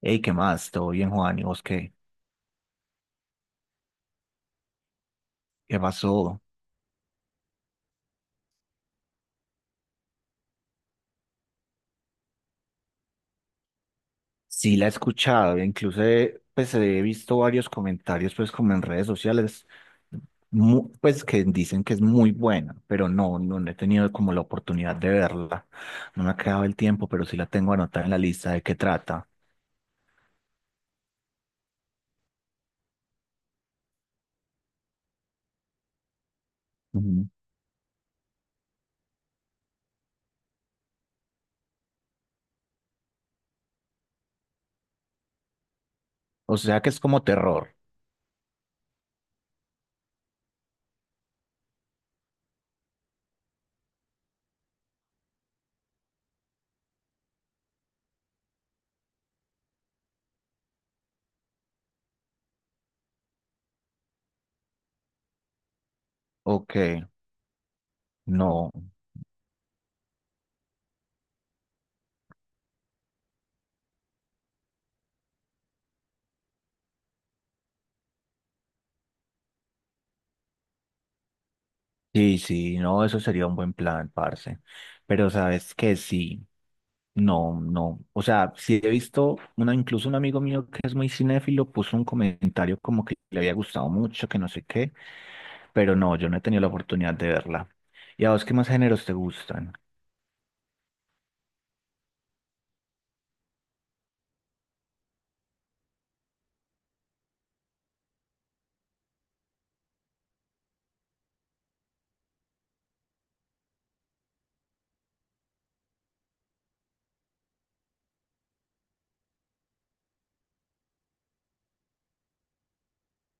Hey, ¿qué más? ¿Todo bien, Juan? ¿Y vos qué? ¿Qué pasó? Sí, la he escuchado, incluso pues he visto varios comentarios pues como en redes sociales, pues que dicen que es muy buena, pero no he tenido como la oportunidad de verla. No me ha quedado el tiempo, pero sí la tengo anotada en la lista de qué trata. Ujú. O sea que es como terror. Ok, no. Sí, sí, no, eso sería un buen plan, parce. Pero sabes que sí, no, no. O sea, sí he visto, una, incluso un amigo mío que es muy cinéfilo puso un comentario como que le había gustado mucho, que no sé qué, pero no, yo no he tenido la oportunidad de verla. ¿Y a vos qué más géneros te gustan?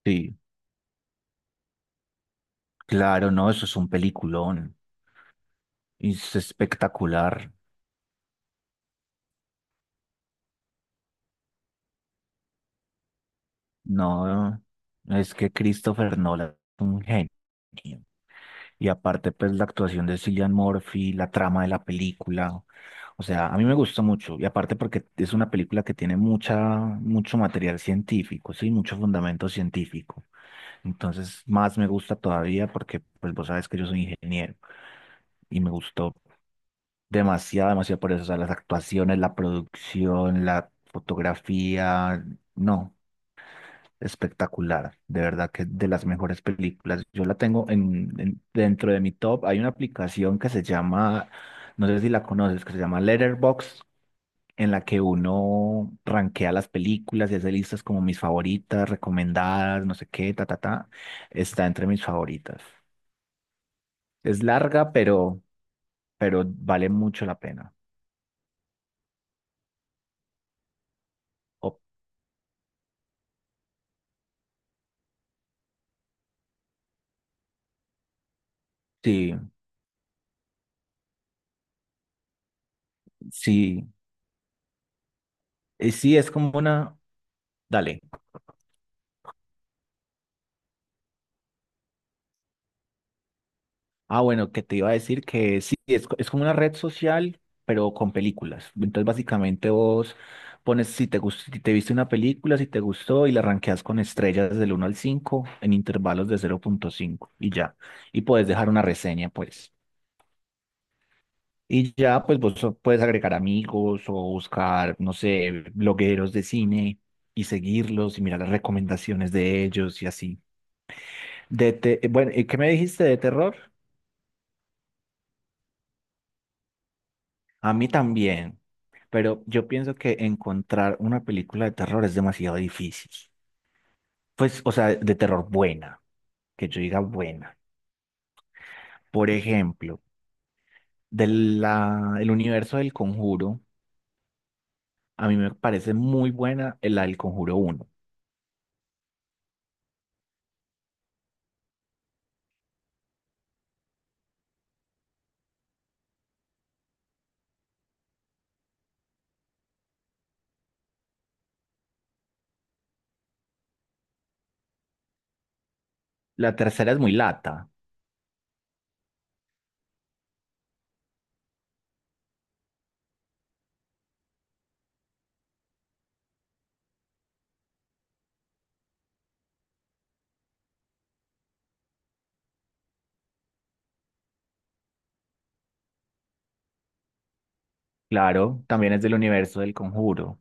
Sí, claro, no, eso es un peliculón. Es espectacular. No, es que Christopher Nolan es un genio. Y aparte, pues la actuación de Cillian Murphy, la trama de la película. O sea, a mí me gusta mucho. Y aparte porque es una película que tiene mucha, mucho material científico, sí, mucho fundamento científico. Entonces, más me gusta todavía porque, pues vos sabes que yo soy ingeniero y me gustó demasiado, demasiado por eso. O sea, las actuaciones, la producción, la fotografía, no. Espectacular, de verdad que de las mejores películas. Yo la tengo dentro de mi top. Hay una aplicación que se llama, no sé si la conoces, que se llama Letterboxd, en la que uno rankea las películas y hace listas como mis favoritas, recomendadas, no sé qué, ta, ta, ta. Está entre mis favoritas. Es larga, pero vale mucho la pena. O- sí, sí, y sí, es como una, dale. Ah, bueno, que te iba a decir que sí, es, es como una red social, pero con películas. Entonces, básicamente vos pones si te gustó, si te viste una película, si te gustó, y la rankeas con estrellas del 1 al 5 en intervalos de 0,5 y ya. Y puedes dejar una reseña, pues. Y ya, pues vos puedes agregar amigos o buscar, no sé, blogueros de cine y seguirlos y mirar las recomendaciones de ellos y así. Bueno, ¿qué me dijiste de terror? A mí también, pero yo pienso que encontrar una película de terror es demasiado difícil. Pues, o sea, de terror buena, que yo diga buena. Por ejemplo, del el universo del Conjuro, a mí me parece muy buena la del Conjuro uno. La tercera es muy lata, claro, también es del universo del Conjuro.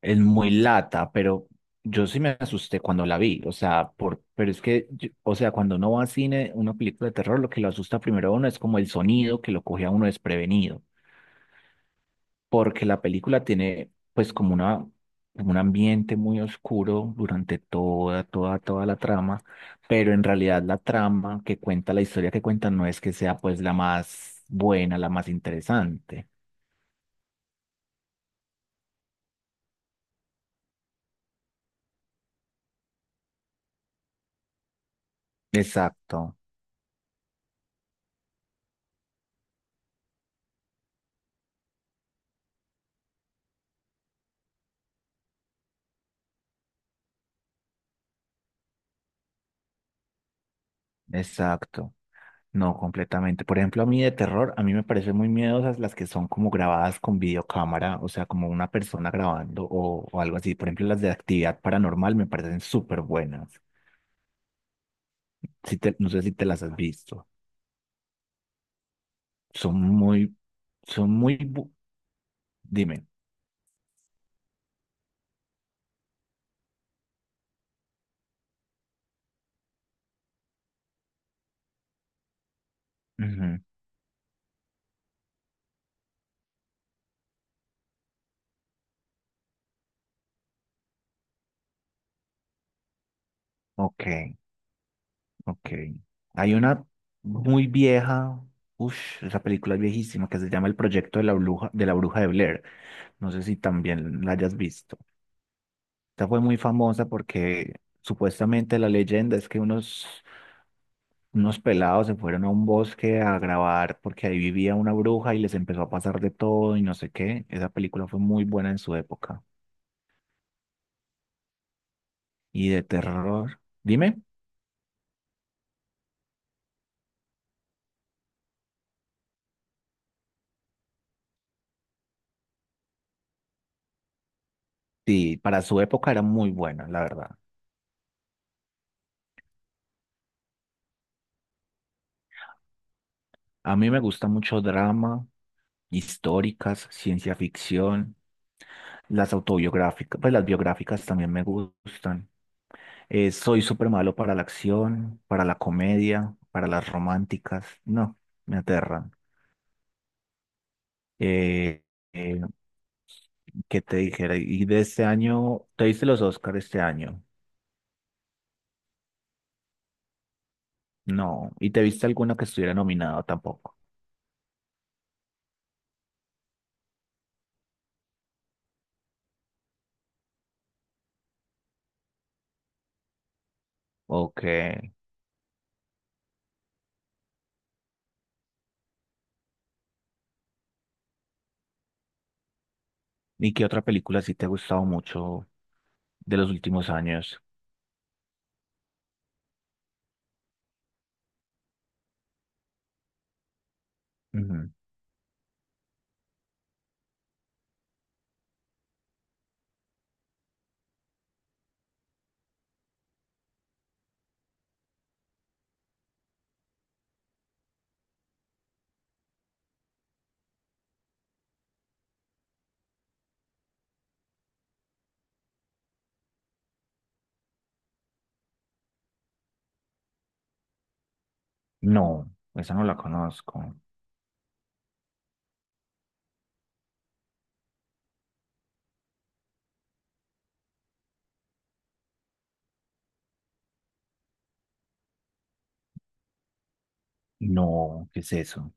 Es muy lata, pero yo sí me asusté cuando la vi, o sea, por, pero es que, o sea, cuando uno va a cine, una película de terror, lo que lo asusta primero a uno es como el sonido que lo coge a uno desprevenido, porque la película tiene pues como una, como un ambiente muy oscuro durante toda la trama, pero en realidad la trama que cuenta, la historia que cuenta no es que sea pues la más buena, la más interesante. Exacto. Exacto. No, completamente. Por ejemplo, a mí de terror, a mí me parecen muy miedosas las que son como grabadas con videocámara, o sea, como una persona grabando o algo así. Por ejemplo, las de actividad paranormal me parecen súper buenas. Si te, no sé si te las has visto. Son muy, son muy, bu- dime. Ujú. Ok, ok. Hay una muy vieja, uff, esa película es viejísima que se llama El Proyecto de la Bruja, de la Bruja de Blair. No sé si también la hayas visto. Esta fue muy famosa porque supuestamente la leyenda es que unos pelados se fueron a un bosque a grabar porque ahí vivía una bruja y les empezó a pasar de todo y no sé qué. Esa película fue muy buena en su época. Y de terror, dime, sí, para su época era muy buena, la verdad. A mí me gusta mucho drama, históricas, ciencia ficción, las autobiográficas, pues las biográficas también me gustan. Soy súper malo para la acción, para la comedia, para las románticas. No, me aterran. Eh, eh, ¿Qué te dijera? ¿Y de este año, te viste los Oscar este año? No. ¿Y te viste alguna que estuviera nominada tampoco? Ok. ¿Y qué otra película sí te ha gustado mucho de los últimos años? Ujú. No, esa no la conozco. No, ¿qué es eso?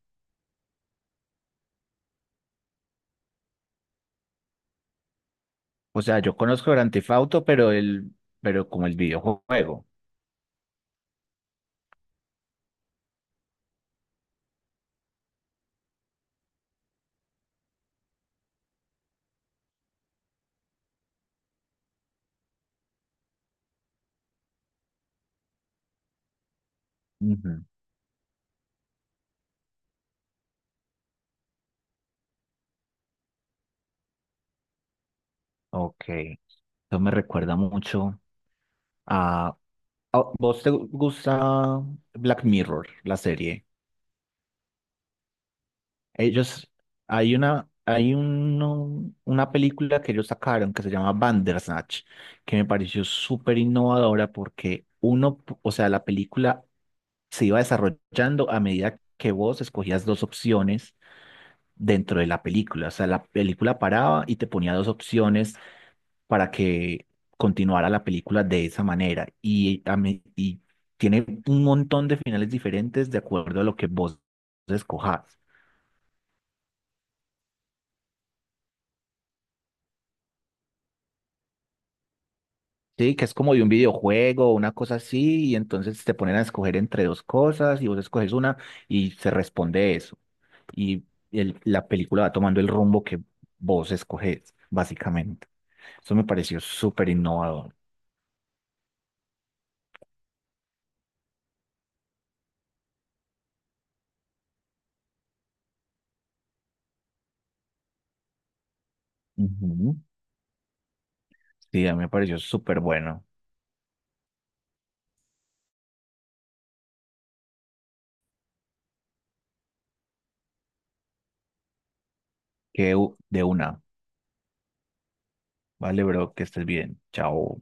O sea, yo conozco Grand Theft Auto, pero el, pero como el videojuego. Ujú. Ok. Eso me recuerda mucho a, ¿Vos te gusta Black Mirror, la serie? Ellos, hay una, una película que ellos sacaron que se llama Bandersnatch, que me pareció súper innovadora porque uno, o sea, la película se iba desarrollando a medida que vos escogías dos opciones dentro de la película. O sea, la película paraba y te ponía dos opciones para que continuara la película de esa manera. Y, y tiene un montón de finales diferentes de acuerdo a lo que vos escojas. Sí, que es como de un videojuego, una cosa así, y entonces te ponen a escoger entre dos cosas y vos escoges una y se responde eso. Y la película va tomando el rumbo que vos escoges, básicamente. Eso me pareció súper innovador. Ujú. Sí, a mí me pareció súper bueno. Que de una. Vale, bro, que estés bien. Chao.